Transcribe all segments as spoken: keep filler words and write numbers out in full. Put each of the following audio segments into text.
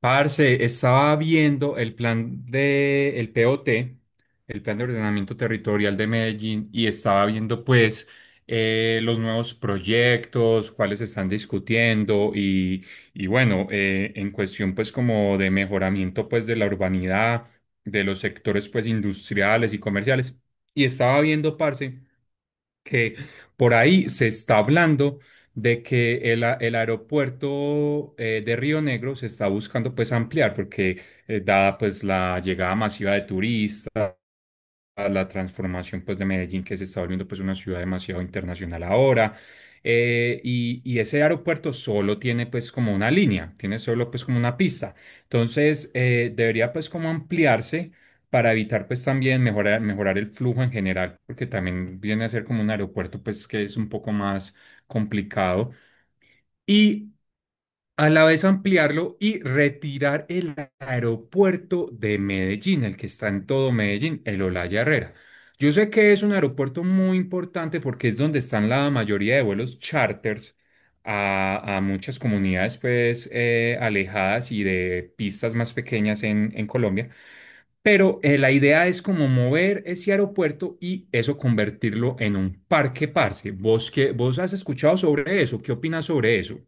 Parce, estaba viendo el plan de el P O T, el Plan de Ordenamiento Territorial de Medellín, y estaba viendo pues eh, los nuevos proyectos, cuáles se están discutiendo y, y bueno, eh, en cuestión pues como de mejoramiento pues de la urbanidad, de los sectores pues industriales y comerciales. Y estaba viendo, parce que por ahí se está hablando de que el, a- el aeropuerto eh, de Río Negro se está buscando pues ampliar porque eh, dada pues la llegada masiva de turistas a la transformación pues de Medellín, que se está volviendo pues una ciudad demasiado internacional ahora. Eh, y, y ese aeropuerto solo tiene pues como una línea, tiene solo pues como una pista. Entonces eh, debería pues como ampliarse para evitar pues también mejorar, mejorar el flujo en general, porque también viene a ser como un aeropuerto pues que es un poco más complicado. Y a la vez ampliarlo y retirar el aeropuerto de Medellín, el que está en todo Medellín, el Olaya Herrera. Yo sé que es un aeropuerto muy importante porque es donde están la mayoría de vuelos charters a, a muchas comunidades pues eh, alejadas y de pistas más pequeñas en, en Colombia. Pero eh, la idea es como mover ese aeropuerto y eso convertirlo en un parque parce. ¿Vos, qué- vos has escuchado sobre eso? ¿Qué opinas sobre eso?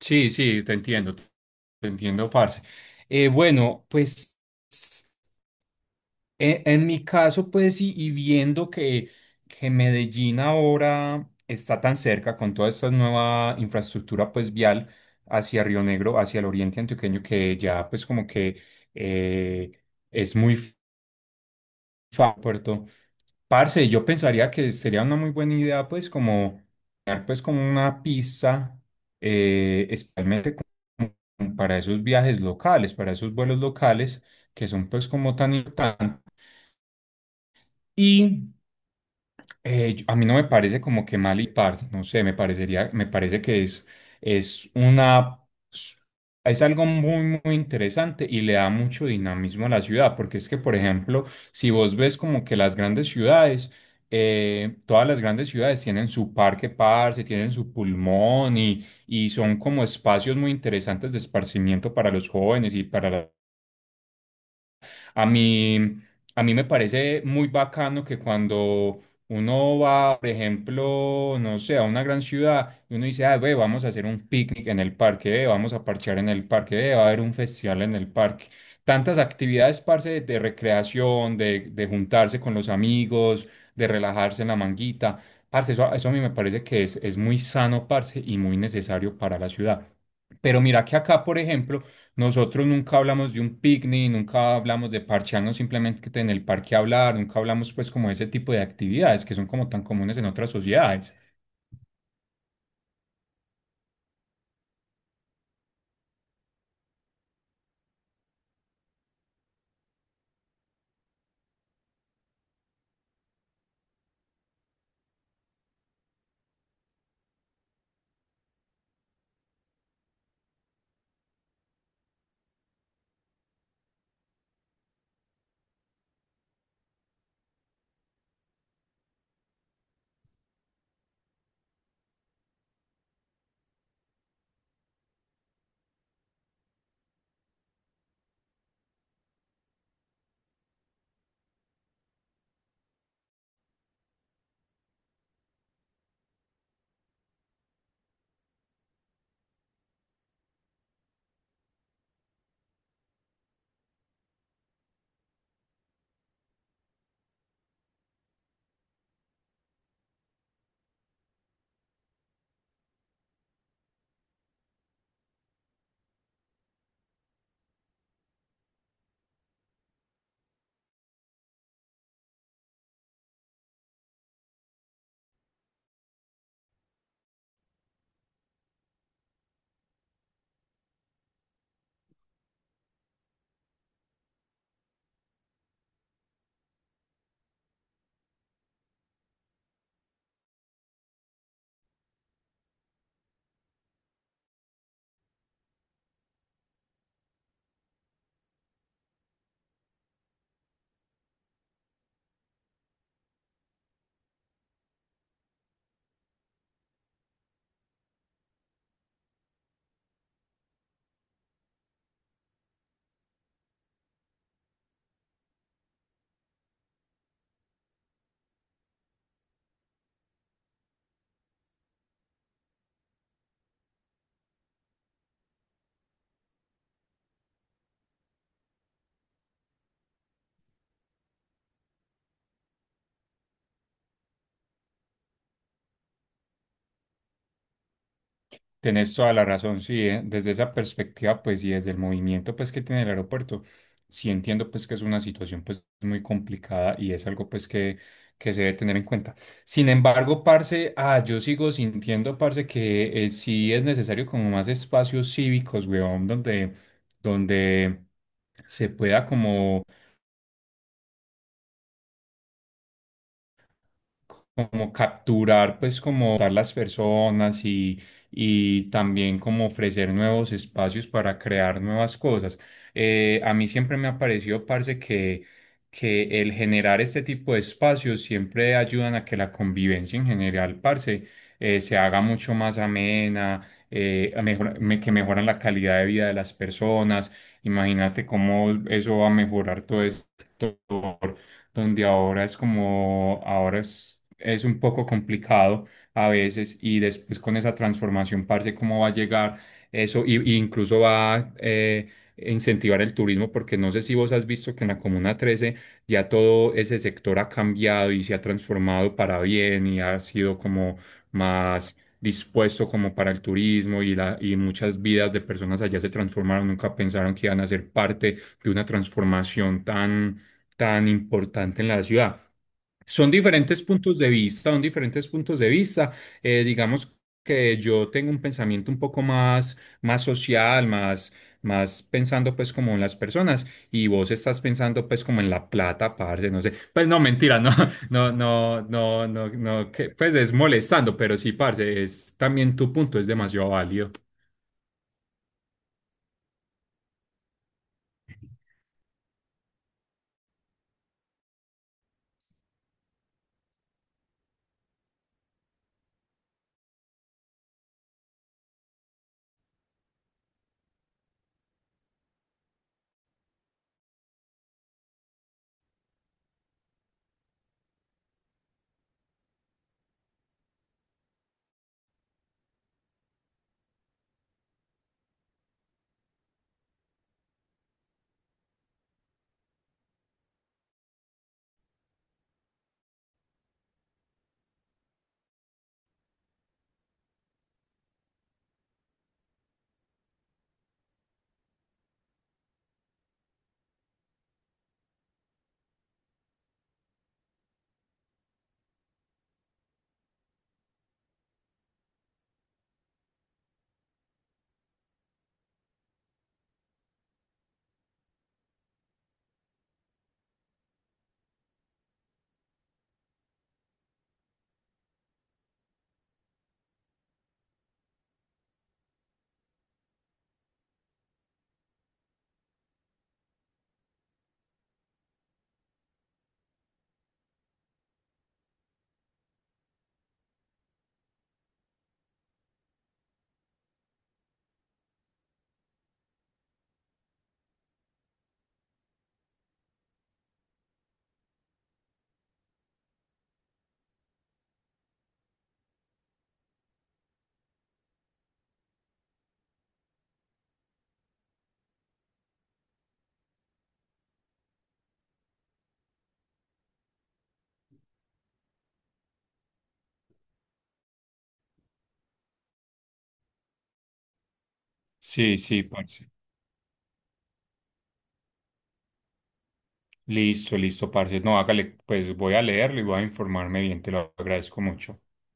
Sí, sí, te entiendo, te te entiendo, parce. Eh, bueno, pues e- en, mi caso, pues, y, y viendo que, que Medellín ahora está tan cerca con toda esta nueva infraestructura, pues, vial hacia Río Negro, hacia el oriente antioqueño, que ya, pues, como que eh, es muy fácil, puerto. Parce, yo pensaría que sería una muy buena idea, pues, como, crear, pues, como una pista, eh, especialmente como para esos viajes locales, para esos vuelos locales, que son, pues, como tan importantes. Eh, yo- a mí no me parece como que mal y parce, no sé, me parecería, me parece que es, es una, es algo muy, muy interesante y le da mucho dinamismo a la ciudad, porque es que, por ejemplo, si vos ves como que las grandes ciudades, eh, todas las grandes ciudades tienen su parque parce, tienen su pulmón y, y son como espacios muy interesantes de esparcimiento para los jóvenes y para a mí, a mí me parece muy bacano que cuando uno va, por ejemplo, no sé, a una gran ciudad y uno dice, ah, ve, vamos a hacer un picnic en el parque, eh, vamos a parchar en el parque, eh, va a haber un festival en el parque. Tantas actividades, parce, de, de recreación, de, de juntarse con los amigos, de relajarse en la manguita. Parce, eso, eso a mí me parece que es, es muy sano, parce, y muy necesario para la ciudad. Pero mira que acá, por ejemplo, nosotros nunca hablamos de un picnic, nunca hablamos de parchearnos simplemente en el parque a hablar, nunca hablamos pues como de ese tipo de actividades que son como tan comunes en otras sociedades. Tenés toda la razón, sí, eh, desde esa perspectiva, pues, y desde el movimiento, pues, que tiene el aeropuerto, sí entiendo, pues, que es una situación, pues, muy complicada y es algo, pues, que, que se debe tener en cuenta. Sin embargo, parce, ah, yo sigo sintiendo, parce, que eh, sí es necesario como más espacios cívicos, weón, donde, donde se pueda como como capturar, pues como dar las personas y, y también como ofrecer nuevos espacios para crear nuevas cosas. Eh, a mí siempre me ha parecido, parce, que, que el generar este tipo de espacios siempre ayudan a que la convivencia en general, parce, eh, se haga mucho más amena. Eh, a mejor- me- que mejoran la calidad de vida de las personas. Imagínate cómo eso va a mejorar todo esto donde ahora es como, ahora es, es un poco complicado a veces y después con esa transformación, parce, cómo va a llegar eso y, y incluso va eh, a eh, incentivar el turismo, porque no sé si vos has visto que en la Comuna trece ya todo ese sector ha cambiado y se ha transformado para bien y ha sido como más dispuesto como para el turismo y, la, y muchas vidas de personas allá se transformaron, nunca pensaron que iban a ser parte de una transformación tan tan importante en la ciudad. Son diferentes puntos de vista, son diferentes puntos de vista. Eh, digamos que yo tengo un pensamiento un poco más, más social, más, más pensando pues como en las personas y vos estás pensando pues como en la plata, parce, no sé. Pues no, mentira, no, no, no, no, no, no, que, pues es molestando, pero sí, parce, es también tu punto, es demasiado válido. Sí, sí, parce. Listo, listo, parce. No, hágale, pues voy a leerlo y voy a informarme bien, te lo agradezco mucho.